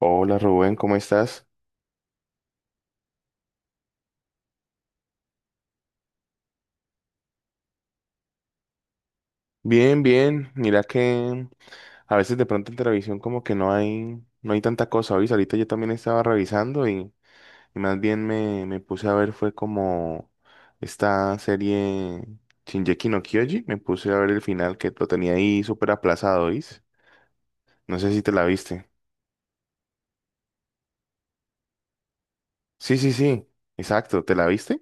Hola Rubén, ¿cómo estás? Bien, bien. Mira que a veces de pronto en televisión como que no hay tanta cosa. ¿Oís? Ahorita yo también estaba revisando y más bien me puse a ver fue como esta serie Shingeki no Kyoji. Me puse a ver el final que lo tenía ahí súper aplazado, ¿oís? No sé si te la viste. Sí, sí, sí. Exacto, ¿te la viste?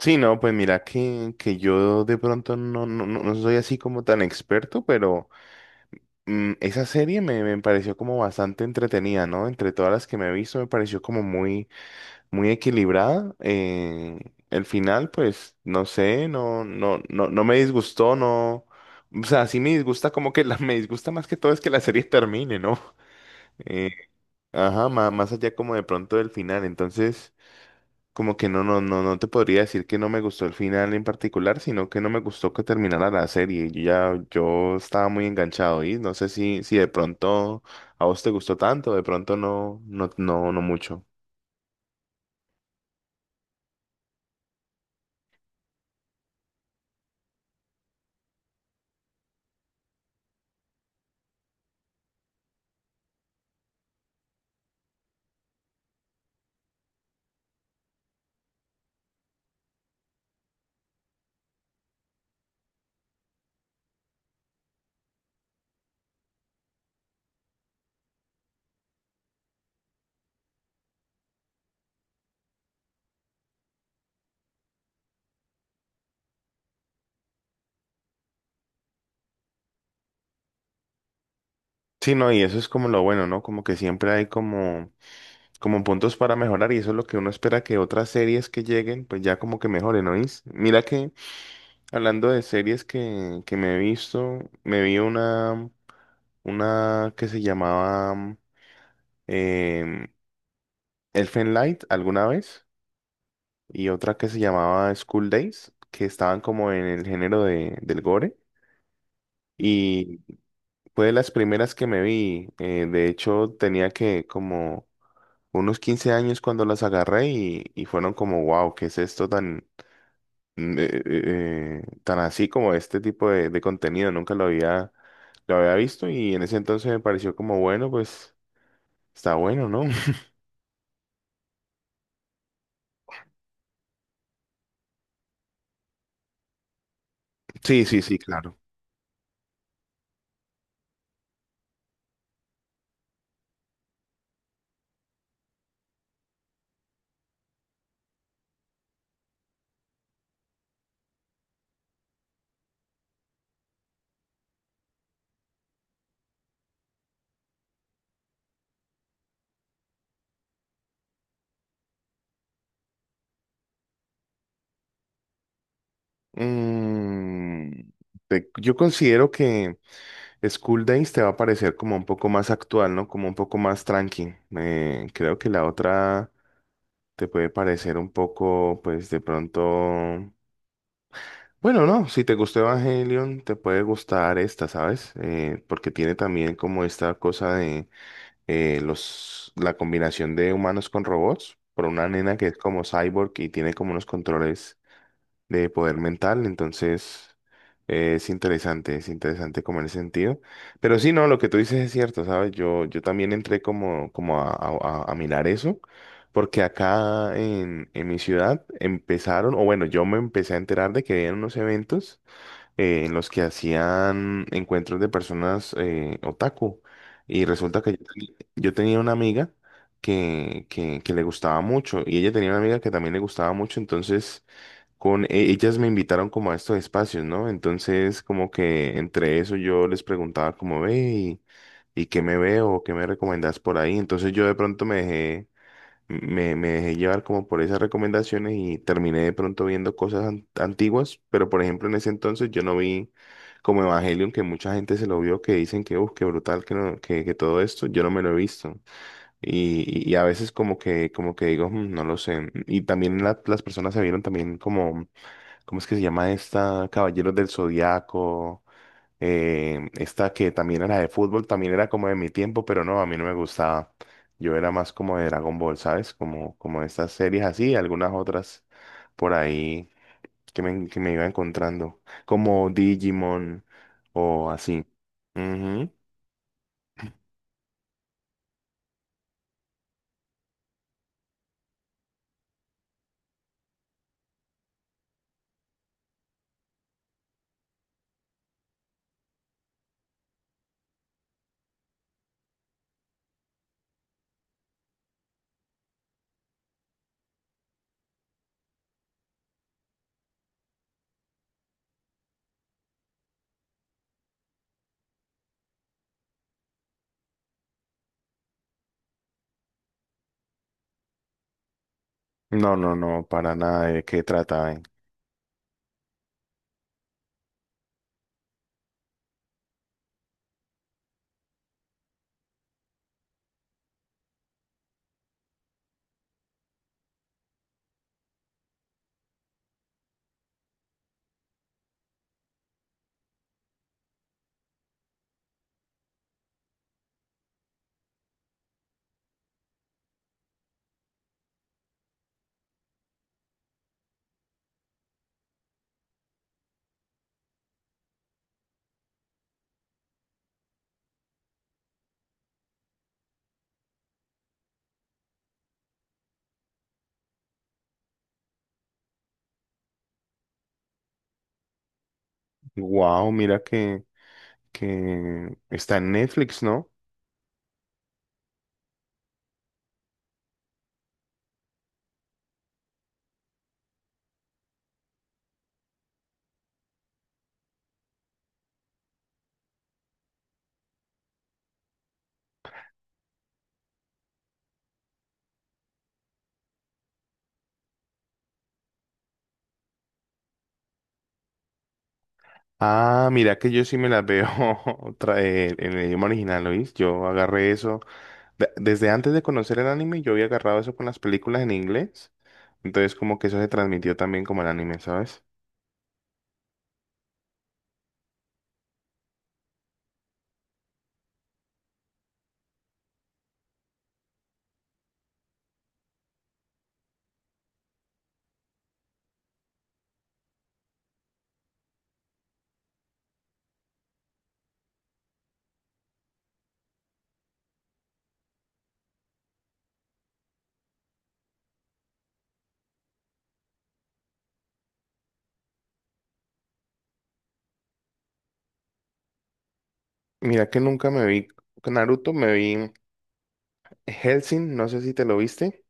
Sí, no, pues mira que yo de pronto no soy así como tan experto, pero... Mm, esa serie me pareció como bastante entretenida, ¿no? Entre todas las que me he visto, me pareció como muy, muy equilibrada. El final, pues, no sé, no me disgustó, no. O sea, sí me disgusta como que me disgusta más que todo es que la serie termine, ¿no? Eh, allá como de pronto del final. Entonces, como que no te podría decir que no me gustó el final en particular, sino que no me gustó que terminara la serie. Yo estaba muy enganchado y no sé si de pronto a vos te gustó tanto, de pronto no mucho. Sí, no, y eso es como lo bueno, ¿no? Como que siempre hay como, como puntos para mejorar y eso es lo que uno espera que otras series que lleguen, pues ya como que mejoren, ¿no? ¿Oís? Mira que hablando de series que me he visto, me vi una que se llamaba em, Elfen Light alguna vez y otra que se llamaba School Days, que estaban como en el género de, del gore. Y fue de las primeras que me vi. Eh, de hecho, tenía que como unos 15 años cuando las agarré y fueron como, wow, ¿qué es esto tan, tan así como este tipo de contenido? Nunca lo había, Lo había visto y en ese entonces me pareció como, bueno, pues está bueno, ¿no? Sí, sí, sí, claro. Mm, yo considero que School Days te va a parecer como un poco más actual, ¿no? Como un poco más tranqui. Creo que la otra te puede parecer un poco, pues de pronto... Bueno, no, si te gustó Evangelion, te puede gustar esta, ¿sabes? Porque tiene también como esta cosa de la combinación de humanos con robots, por una nena que es como cyborg y tiene como unos controles de poder mental, entonces es interesante como en ese sentido. Pero sí, no, lo que tú dices es cierto, ¿sabes? Yo también entré como, como a mirar eso, porque acá en mi ciudad empezaron, o bueno, yo me empecé a enterar de que habían unos eventos en los que hacían encuentros de personas otaku. Y resulta que yo tenía una amiga que le gustaba mucho, y ella tenía una amiga que también le gustaba mucho, entonces con ellas me invitaron como a estos espacios, ¿no? Entonces, como que entre eso yo les preguntaba como ve y qué me veo, qué me recomendás por ahí. Entonces yo de pronto me dejé llevar como por esas recomendaciones y terminé de pronto viendo cosas antiguas, pero por ejemplo en ese entonces yo no vi como Evangelion, que mucha gente se lo vio, que dicen que, uff, qué brutal, que todo esto, yo no me lo he visto. Y a veces como que digo, "Mm, no lo sé". Y también las personas se vieron también como, ¿cómo es que se llama esta? Caballeros del Zodiaco. Esta que también era de fútbol, también era como de mi tiempo, pero no, a mí no me gustaba. Yo era más como de Dragon Ball, ¿sabes? Como, como estas series así, algunas otras por ahí que me iba encontrando, como Digimon o así. Ujú. No, no, no, para nada. ¿De qué trata? Wow, mira que está en Netflix, ¿no? Ah, mira que yo sí me las veo en el idioma original, ¿oís? Yo agarré eso. De desde antes de conocer el anime, yo había agarrado eso con las películas en inglés. Entonces, como que eso se transmitió también como el anime, ¿sabes? Mira que nunca me vi con Naruto, me vi Hellsing, no sé si te lo viste.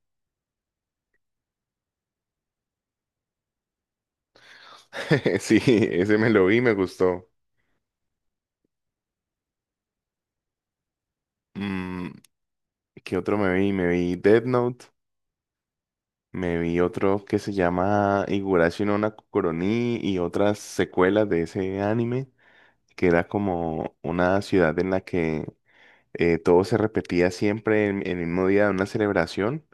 Sí, ese me lo vi, me gustó. Mm, ¿qué otro me vi? Me vi Death Note. Me vi otro que se llama Higurashi no Nakoroni y otras secuelas de ese anime. Que era como una ciudad en la que todo se repetía siempre en el mismo día de una celebración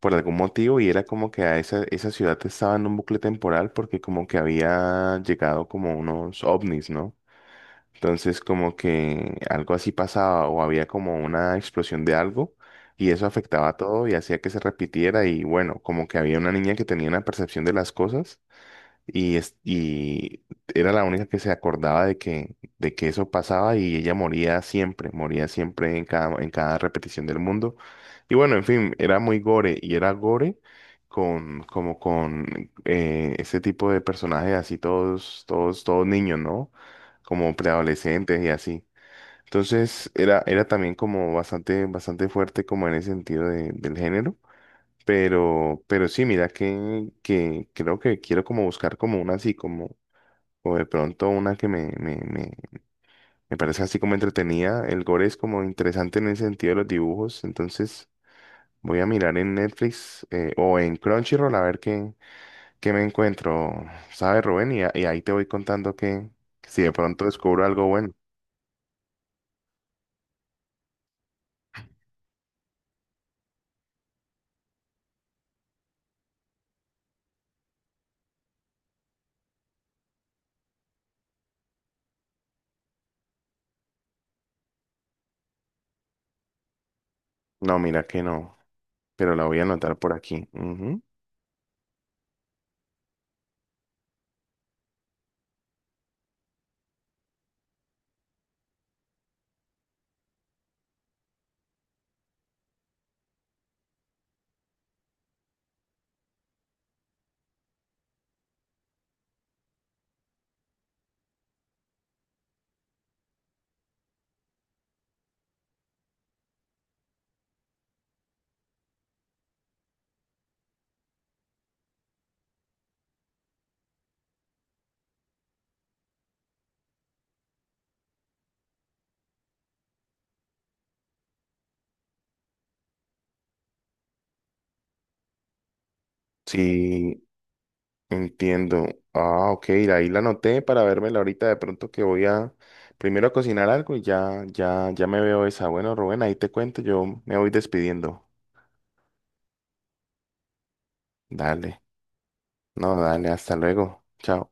por algún motivo y era como que a esa, esa ciudad estaba en un bucle temporal porque como que había llegado como unos ovnis, ¿no? Entonces como que algo así pasaba o había como una explosión de algo y eso afectaba a todo y hacía que se repitiera y bueno, como que había una niña que tenía una percepción de las cosas y era la única que se acordaba de de que eso pasaba y ella moría siempre en cada repetición del mundo. Y bueno, en fin, era muy gore y era gore con, como con ese tipo de personajes así todos niños, ¿no? Como preadolescentes y así. Entonces era, era también como bastante, bastante fuerte como en ese sentido del género. Pero sí, mira que creo que quiero como buscar como una así, como, o de pronto una me me parece así como entretenida. El gore es como interesante en el sentido de los dibujos, entonces voy a mirar en Netflix o en Crunchyroll a ver qué me encuentro, ¿sabes, Rubén? Y ahí te voy contando que si de pronto descubro algo bueno. No, mira que no, pero la voy a anotar por aquí. Ujú. Sí, entiendo. Ah, ok, ahí la anoté para vérmela ahorita de pronto que voy a primero a cocinar algo y ya, ya, ya me veo esa. Bueno, Rubén, ahí te cuento, yo me voy despidiendo. Dale, no, dale, hasta luego. Chao.